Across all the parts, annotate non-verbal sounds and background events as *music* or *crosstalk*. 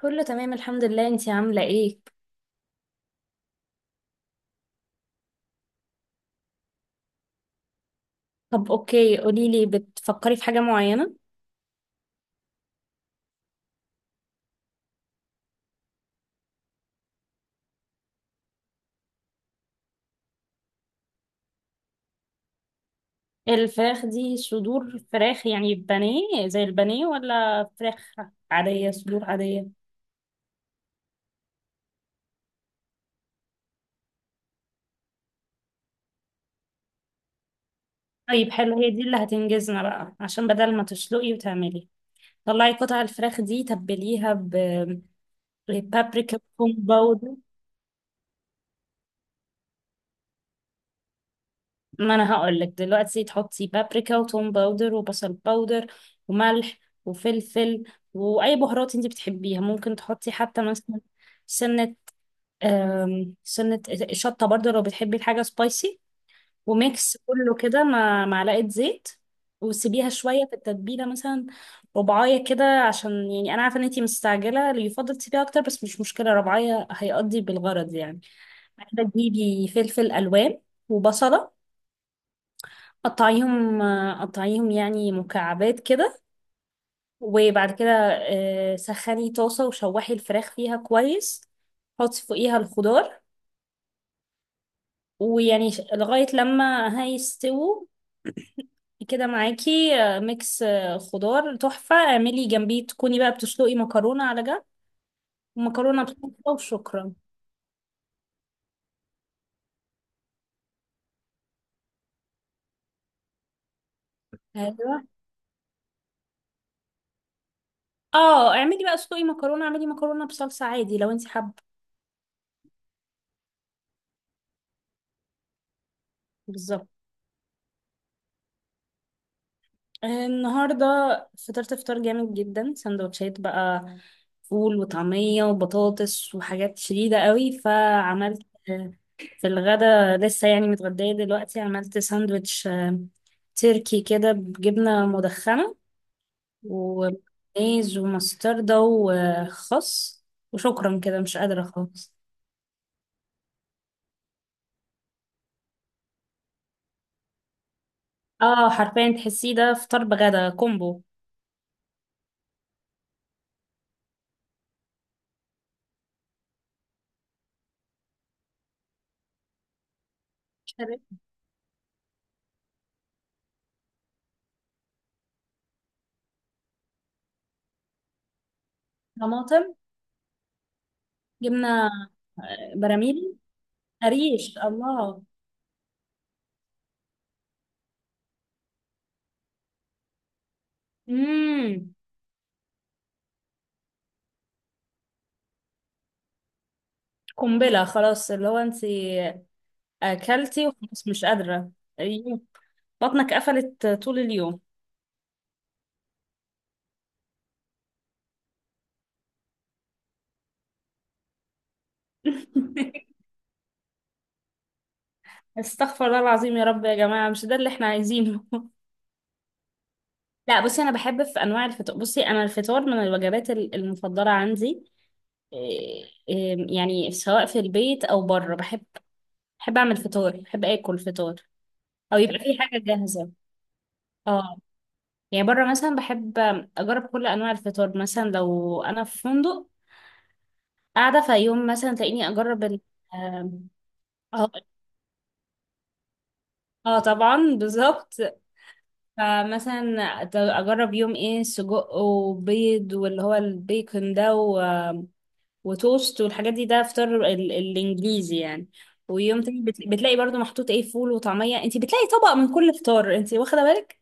كله تمام، الحمد لله، انتي عاملة ايه؟ طب اوكي، قوليلي، بتفكري في حاجة معينة؟ الفراخ دي صدور فراخ يعني بانيه زي البانيه، ولا فراخ عادية صدور عادية؟ طيب حلو، هي دي اللي هتنجزنا بقى، عشان بدل ما تسلقي وتعملي، طلعي قطع الفراخ دي، تبليها ببابريكا كومباود. ما انا هقول لك دلوقتي، تحطي بابريكا وتوم باودر وبصل باودر وملح وفلفل واي بهارات انت بتحبيها، ممكن تحطي حتى مثلا سنة سنة شطة برضه لو بتحبي الحاجة سبايسي. وميكس كله كده مع معلقة زيت، وسيبيها شوية في التتبيلة، مثلا ربعاية كده، عشان يعني أنا عارفة إن أنتي مستعجلة، اللي يفضل تسيبيها أكتر، بس مش مشكلة، ربعاية هيقضي بالغرض يعني. بعد كده تجيبي فلفل ألوان وبصلة، قطعيهم قطعيهم يعني مكعبات كده. وبعد كده سخني طاسة وشوحي الفراخ فيها كويس، حطي فوقيها الخضار، ويعني لغاية لما هيستووا كده. معاكي ميكس خضار تحفة، اعملي جنبيه، تكوني بقى بتسلقي مكرونة على جنب، ومكرونة بصلصة، وشكرا. ايوه. اه، اعملي بقى، اسلقي مكرونة، اعملي مكرونة بصلصة عادي لو انت حابة. بالظبط. النهاردة فطرت فطار جامد جدا، سندوتشات بقى، فول وطعمية وبطاطس وحاجات شديدة قوي، فعملت آه، في الغدا، لسه يعني متغدية دلوقتي، عملت ساندوتش تركي كده بجبنة مدخنة ومايز ومستردة وخس، وشكرا كده مش قادرة خالص. اه، حرفيا تحسيه ده فطار بغدا كومبو. شربت. طماطم. جبنة براميل. قريش، الله. امم. قنبلة خلاص، اللي هو انت اكلتي وخلاص مش قادرة. أيوه. بطنك قفلت طول اليوم. *laughs* استغفر الله العظيم، يا رب، يا جماعة مش ده اللي احنا عايزينه. *laughs* لا بصي انا الفطار من الوجبات المفضلة عندي، إيه- إيه، يعني سواء في البيت او بره بحب، بحب اعمل فطار، بحب اكل فطار، او يبقى في حاجة جاهزة. اه، يعني بره مثلا بحب اجرب كل انواع الفطار، مثلا لو انا في فندق قاعدة في يوم، مثلا تلاقيني أجرب ال آم، اه اه، طبعا بالظبط. فمثلا أجرب يوم ايه سجق وبيض، واللي هو البيكون ده وتوست والحاجات دي، ده فطار الإنجليزي يعني. ويوم تاني بتلاقي برضو محطوط ايه فول وطعمية، انتي بتلاقي طبق من كل فطار، انتي واخدة بالك،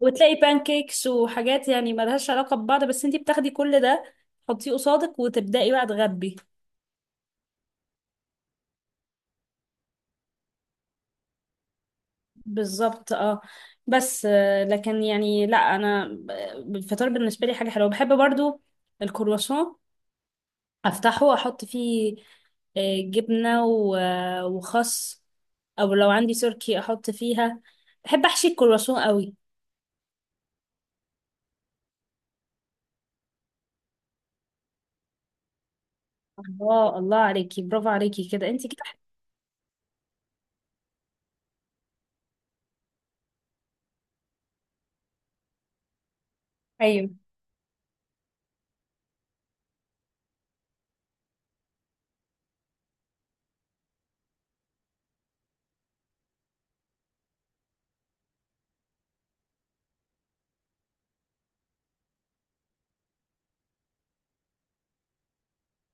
وتلاقي بانكيكس وحاجات يعني ملهاش علاقة ببعض، بس انتي بتاخدي كل ده تحطيه قصادك، وتبدأي بقى تغبي. بالظبط اه. بس لكن يعني لا انا، الفطار بالنسبه لي حاجه حلوه. بحب برضو الكرواسون، افتحه واحط فيه جبنه وخس، او لو عندي تركي احط فيها. بحب احشي الكرواسون قوي. الله الله عليكي، برافو عليكي كده، انت كده. ايوه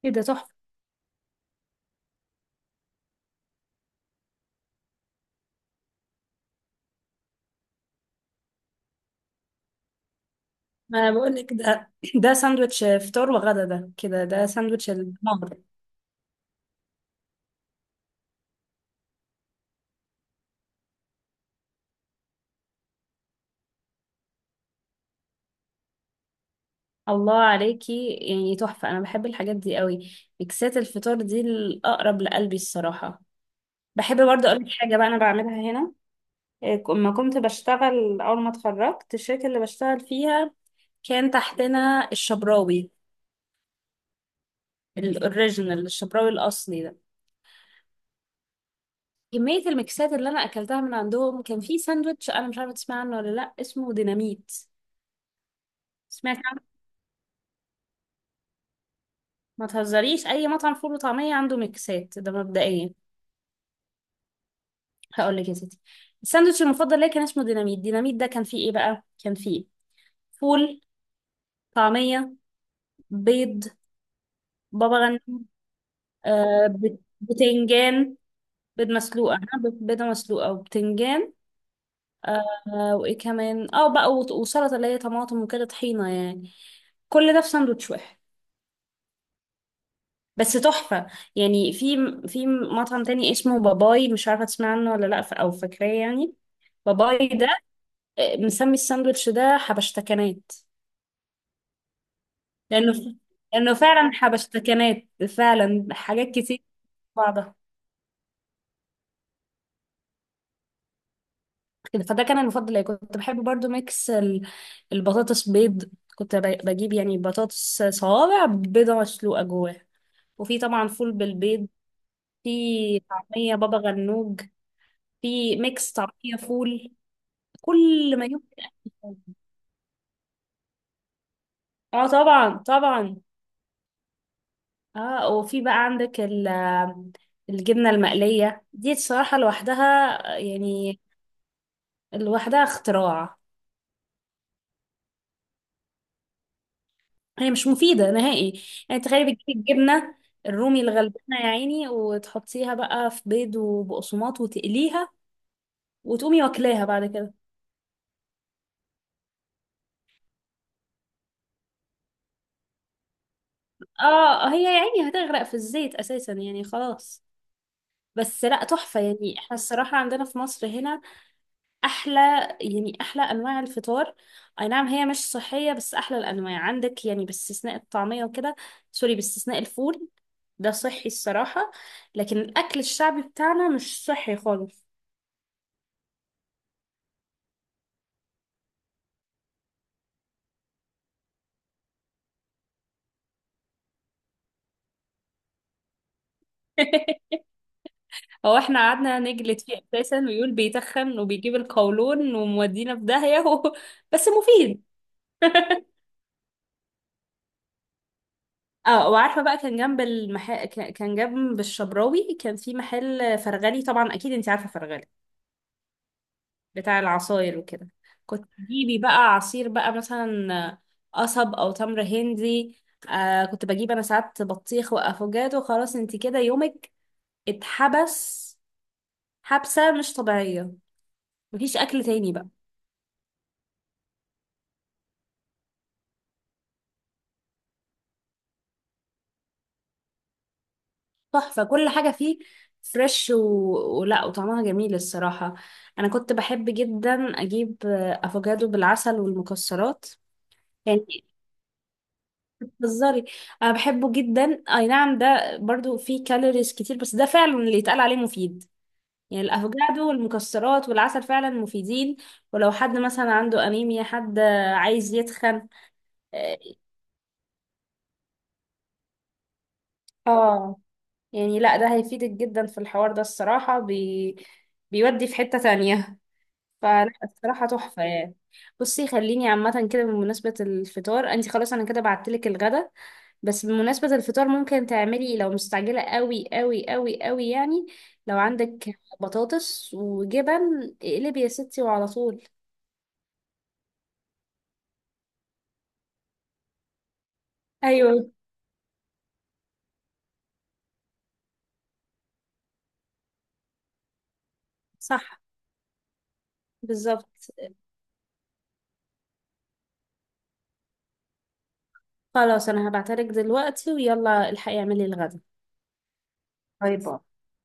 كده تحفه. ما انا بقول لك ده، ده ساندوتش فطار وغدا، ده كده ده ساندوتش الدمار. الله عليكي يعني تحفة. أنا بحب الحاجات دي قوي، ميكسات الفطار دي الأقرب لقلبي الصراحة. بحب برضه أقولك حاجة بقى أنا بعملها هنا، لما كنت بشتغل، أول ما اتخرجت، الشركة اللي بشتغل فيها كان تحتنا الشبراوي، الأوريجينال الشبراوي الأصلي ده. كمية الميكسات اللي أنا أكلتها من عندهم، كان في ساندوتش، أنا مش عارفة تسمع عنه ولا لأ، اسمه ديناميت. سمعت عنه. ما تهزريش، أي مطعم فول وطعمية عنده ميكسات، ده مبدئيا. هقول لك يا ستي، الساندوتش المفضل ليا كان اسمه ديناميت. ديناميت ده كان فيه ايه بقى؟ كان فيه فول، طعمية، بيض، بابا غنوج، بتنجان، بيضة مسلوقة وبتنجان، آه وايه كمان، اه بقى، وسلطة اللي هي طماطم وكده، طحينة يعني. كل ده في ساندوتش واحد، بس تحفة يعني. في مطعم تاني اسمه باباي، مش عارفة تسمع عنه ولا لأ، أو فاكراه يعني. باباي ده مسمي الساندوتش ده حبشتكنات، لانه ف... لانه فعلا حبشتكنات، فعلا حاجات كتير في بعضها كده. فده كان المفضل ليا. كنت بحب برضو ميكس البطاطس بيض، كنت بجيب يعني بطاطس صوابع، بيضة مسلوقة جواها، وفي طبعا فول بالبيض، في طعمية، بابا غنوج، في ميكس طعمية فول، كل ما يمكن. اه طبعا طبعا. اه، وفي بقى عندك الجبنة المقلية دي، الصراحة لوحدها يعني، لوحدها اختراع. هي مش مفيدة نهائي، يعني تخيلي بتجيبي الجبنة الرومي الغلبانة يا عيني، وتحطيها بقى في بيض وبقسماط وتقليها، وتقومي واكلاها بعد كده. اه، هي يا عيني هتغرق في الزيت اساسا يعني، خلاص. بس لا تحفة يعني، احنا الصراحة عندنا في مصر هنا احلى، يعني احلى انواع الفطار. اي نعم هي مش صحية، بس احلى الانواع عندك يعني، باستثناء الطعمية وكده، سوري باستثناء الفول، ده صحي الصراحة. لكن الاكل الشعبي بتاعنا مش صحي خالص. *laughs* هو احنا قعدنا نجلد فيه اساسا ويقول بيتخن وبيجيب القولون، ومودينا في داهية. *laughs* بس مفيد. *laughs* اه، وعارفه بقى، كان جنب الشبراوي، كان في محل فرغلي، طبعا اكيد انت عارفه فرغلي، بتاع العصاير وكده. كنت تجيبي بقى عصير بقى مثلا قصب او تمر هندي. كنت بجيب انا ساعات بطيخ وافوكادو، خلاص انت كده يومك اتحبس، حبسه مش طبيعيه، مفيش اكل تاني بقى. تحفة، كل حاجة فيه فريش ولا، وطعمها جميل الصراحة. أنا كنت بحب جدا أجيب أفوكادو بالعسل والمكسرات. يعني بتهزري، أنا بحبه جدا، أي نعم، ده برضو فيه كالوريز كتير، بس ده فعلا اللي يتقال عليه مفيد، يعني الأفوكادو والمكسرات والعسل فعلا مفيدين. ولو حد مثلا عنده أنيميا، حد عايز يتخن، آه، اه، يعني لا ده هيفيدك جدا في الحوار ده الصراحة، بيودي في حتة تانية. فلا الصراحة تحفة يعني. بصي خليني عامة كده بمناسبة الفطار، انت خلاص انا كده بعتلك الغدا، بس بمناسبة الفطار ممكن تعملي لو مستعجلة قوي قوي قوي قوي يعني، لو عندك بطاطس وجبن اقلبي يا ستي وعلى طول. ايوه صح، بالظبط. خلاص انا هبعتلك دلوقتي، ويلا الحقي اعملي الغدا. باي باي.